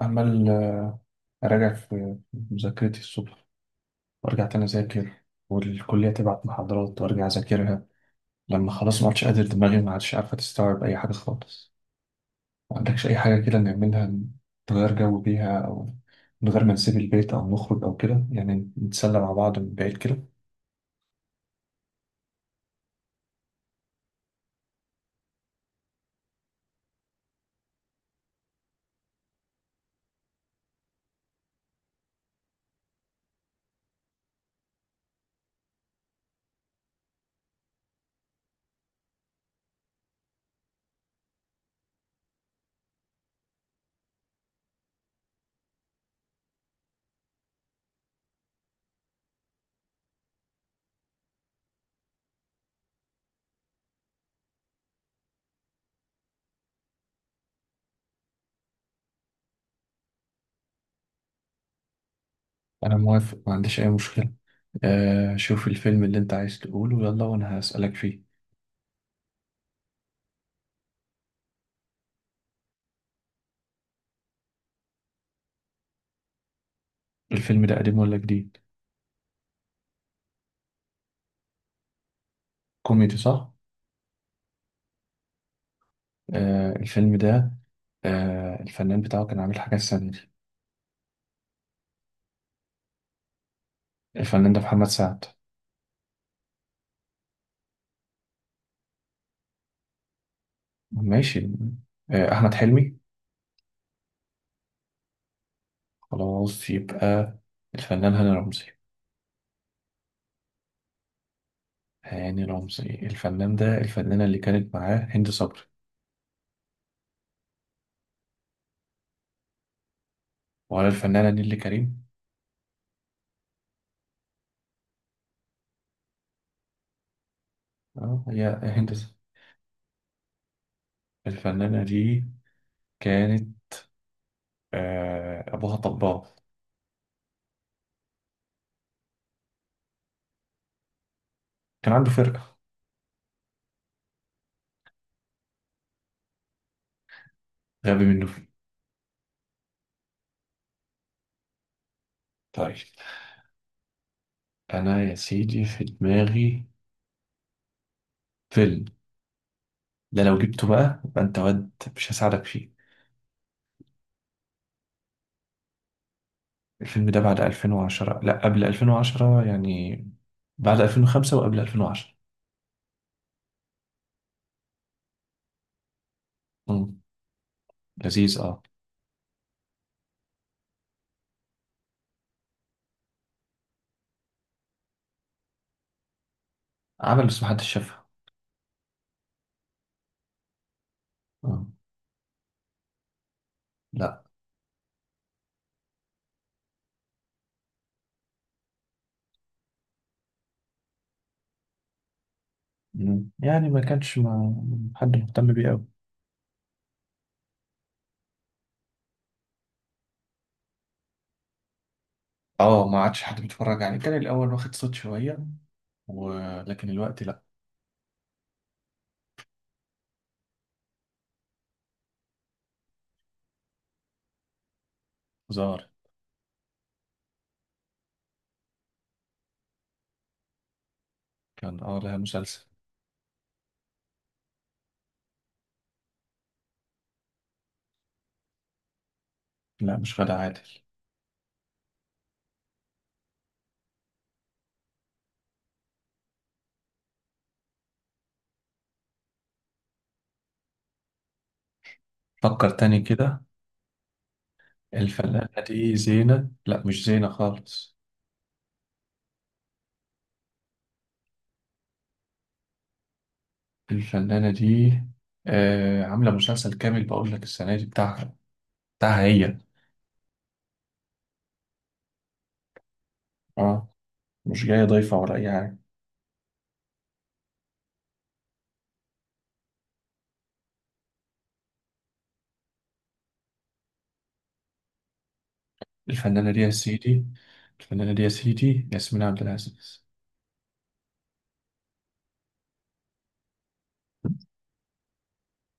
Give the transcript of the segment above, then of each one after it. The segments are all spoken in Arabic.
عمال أراجع في مذاكرتي الصبح، وأرجع تاني أذاكر، والكلية تبعت محاضرات وأرجع أذاكرها. لما خلاص ما عادش قادر، دماغي ما عادش عارفة تستوعب أي حاجة خالص، ما عندكش أي حاجة كده نعملها، نغير جو بيها أو من غير ما نسيب البيت أو نخرج أو كده، يعني نتسلى مع بعض من بعيد كده. أنا موافق، ما عنديش أي مشكلة. آه، شوف الفيلم اللي أنت عايز تقوله يلا وأنا هسألك فيه. الفيلم ده قديم ولا جديد؟ كوميدي صح؟ آه الفيلم ده، آه الفنان بتاعه كان عامل حاجة السنة دي. الفنان ده محمد سعد. ماشي. أحمد حلمي. خلاص، يبقى الفنان هاني رمزي. هاني رمزي الفنان ده، الفنانة اللي كانت معاه هند صبري، ولا الفنانة نيللي كريم. اه، هي هند صبري. الفنانة دي كانت، أبوها طباخ. كان عنده فرقة. غبي منه فيه. طيب. أنا يا سيدي في دماغي فيلم، ده لو جبته بقى يبقى أنت واد. مش هساعدك فيه. الفيلم ده بعد 2010 لا قبل 2010، يعني بعد 2005 وقبل 2010. امم لذيذ اه. عمل بس محدش شافها. امم لا. يعني ما كانش ما حد مهتم بيه قوي. اه، ما عادش حد بيتفرج عليه. كان الاول واخد صوت شويه، ولكن الوقت لا. ظاهر. كان اه لها مسلسل. لا، مش غادة عادل. فكر تاني كده. الفنانة دي زينة؟ لا، مش زينة خالص. الفنانة دي آه عاملة مسلسل كامل، بقول لك السنة دي بتاعها، بتاعها هي. اه، مش جاية ضيفة ولا أي حاجة. الفنانة دي يا سيدي، الفنانة دي يا سيدي ياسمين عبد العزيز.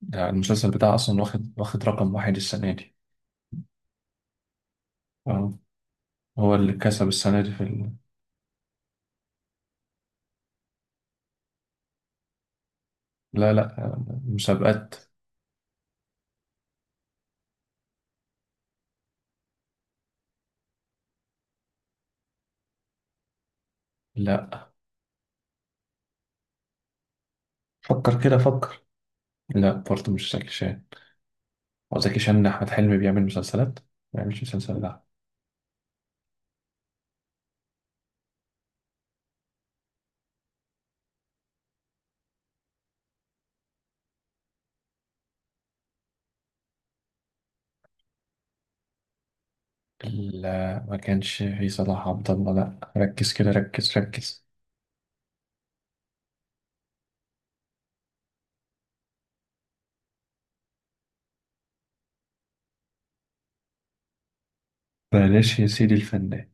ده المسلسل بتاعه أصلا واخد رقم واحد السنة دي. اه، هو اللي كسب السنة دي في ال... لا لا، مسابقات. لا، فكر كده فكر. لا برضه مش زكي شان. هو زكي شان أحمد حلمي بيعمل مسلسلات؟ ما بيعملش مسلسل، لا. لا، ما كانش في صلاح عبد الله. لا ركز كده، ركز ركز. بلاش يا سيدي. الفنان،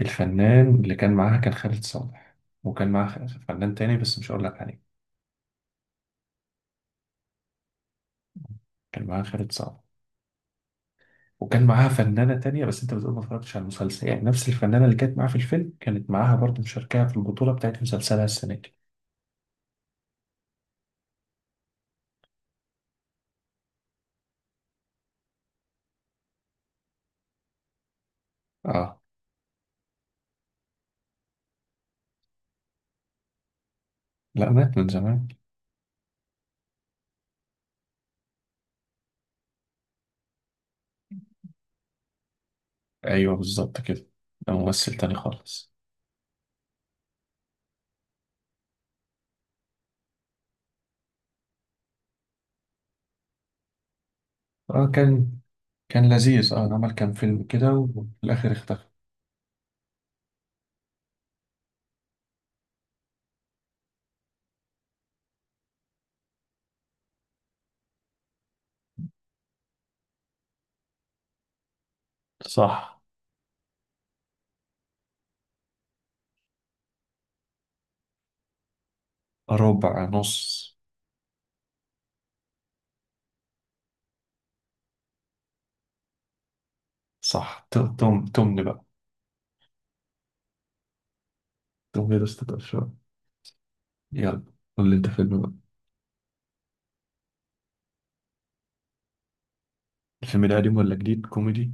الفنان اللي كان معاها كان خالد صالح، وكان معاها فنان تاني بس مش هقول لك عليه. كان معاها خالد صالح، وكان معاها فنانة تانية، بس انت بتقول ما اتفرجتش على المسلسل. يعني نفس الفنانة اللي كانت معاها في الفيلم كانت معاها برضه مشاركة في البطولة بتاعت مسلسلها السنة دي. اه. لا، مات من زمان. ايوه بالظبط كده. ده ممثل تاني خالص. اه كان، كان لذيذ اه. عمل كام فيلم كده وفي الاخر اختفى. صح. ربع نص. صح، تم تم تمن بقى. تمن ده استطاع شوية. يلا، قول لي انت فيلم بقى. الفيلم ده قديم ولا جديد؟ كوميدي؟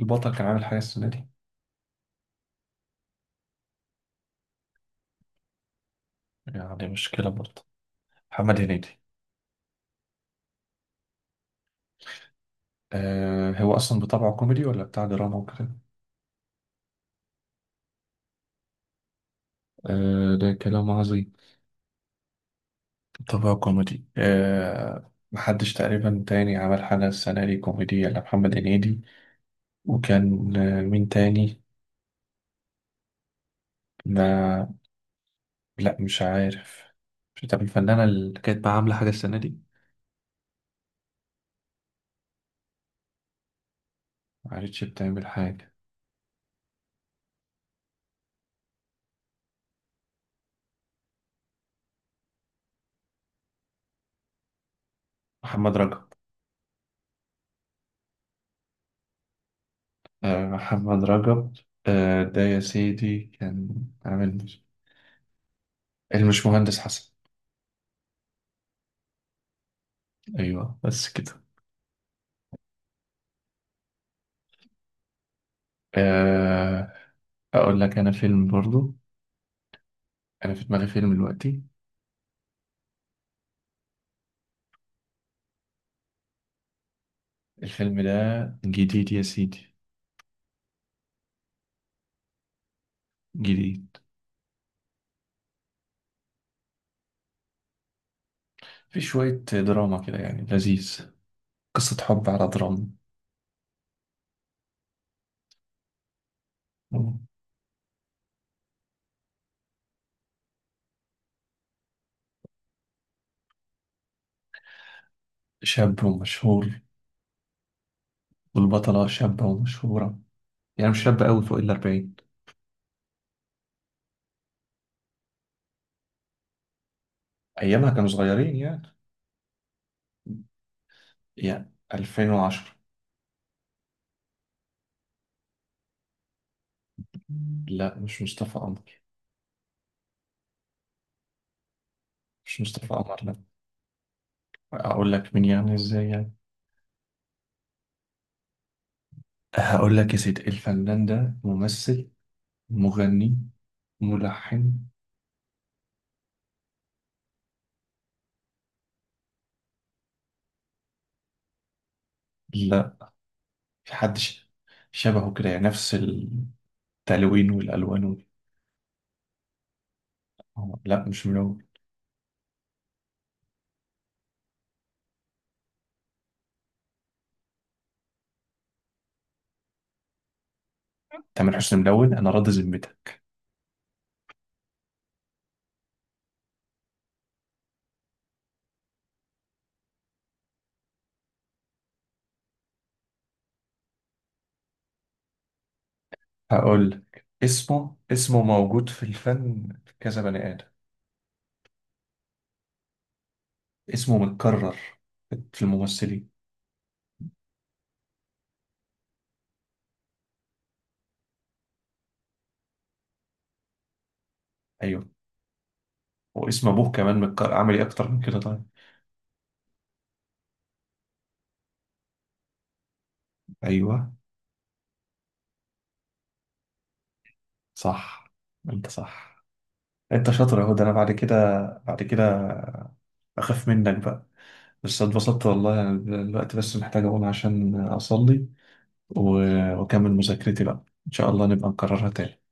البطل كان عامل حاجة السنة دي؟ يعني مشكلة برضه. محمد هنيدي. آه هو أصلا بطبعه كوميدي ولا بتاع دراما وكده؟ آه ده كلام عظيم، بطبعه كوميدي. آه، محدش تقريبا تاني عمل حاجة السنة دي كوميدي إلا محمد هنيدي. وكان آه مين تاني؟ ما، لا مش عارف. مش، طب الفنانة اللي كانت بقى عاملة حاجة السنة دي؟ معرفتش بتعمل حاجة. محمد رجب. محمد رجب. آه، ده يا سيدي كان عامل المش مهندس حسن. أيوه بس كده. آه، أقول لك أنا فيلم برضو. أنا في دماغي فيلم دلوقتي. الفيلم ده جديد يا سيدي، جديد. في شوية دراما كده يعني لذيذ. قصة حب على دراما. شاب ومشهور، والبطلة شابة ومشهورة، يعني مش شابة أوي، فوق الأربعين. أيامها كانوا صغيرين يعني، يعني 2010. لا مش مصطفى قمر، مش مصطفى قمر. لا، اقول لك مين يعني؟ ازاي يعني. هقول لك يا سيدي، الفنان ده ممثل، مغني، ملحن. لا. في حد شبهه كده، يعني نفس التلوين والالوان وال... آه، لا مش ملون. تامر حسني ملون انا؟ راضي ذمتك. هقول لك اسمه، اسمه موجود في الفن في كذا بني ادم. اسمه متكرر في الممثلين. ايوه. واسم ابوه كمان متكرر، اعمل ايه اكتر من كده؟ طيب. ايوه. صح، انت صح، انت شاطر. اهو ده انا بعد كده. بعد كده اخاف منك بقى، بس اتبسطت والله انا. دلوقتي بس محتاج اقوم عشان اصلي، واكمل مذاكرتي بقى. ان شاء الله نبقى نكررها تاني.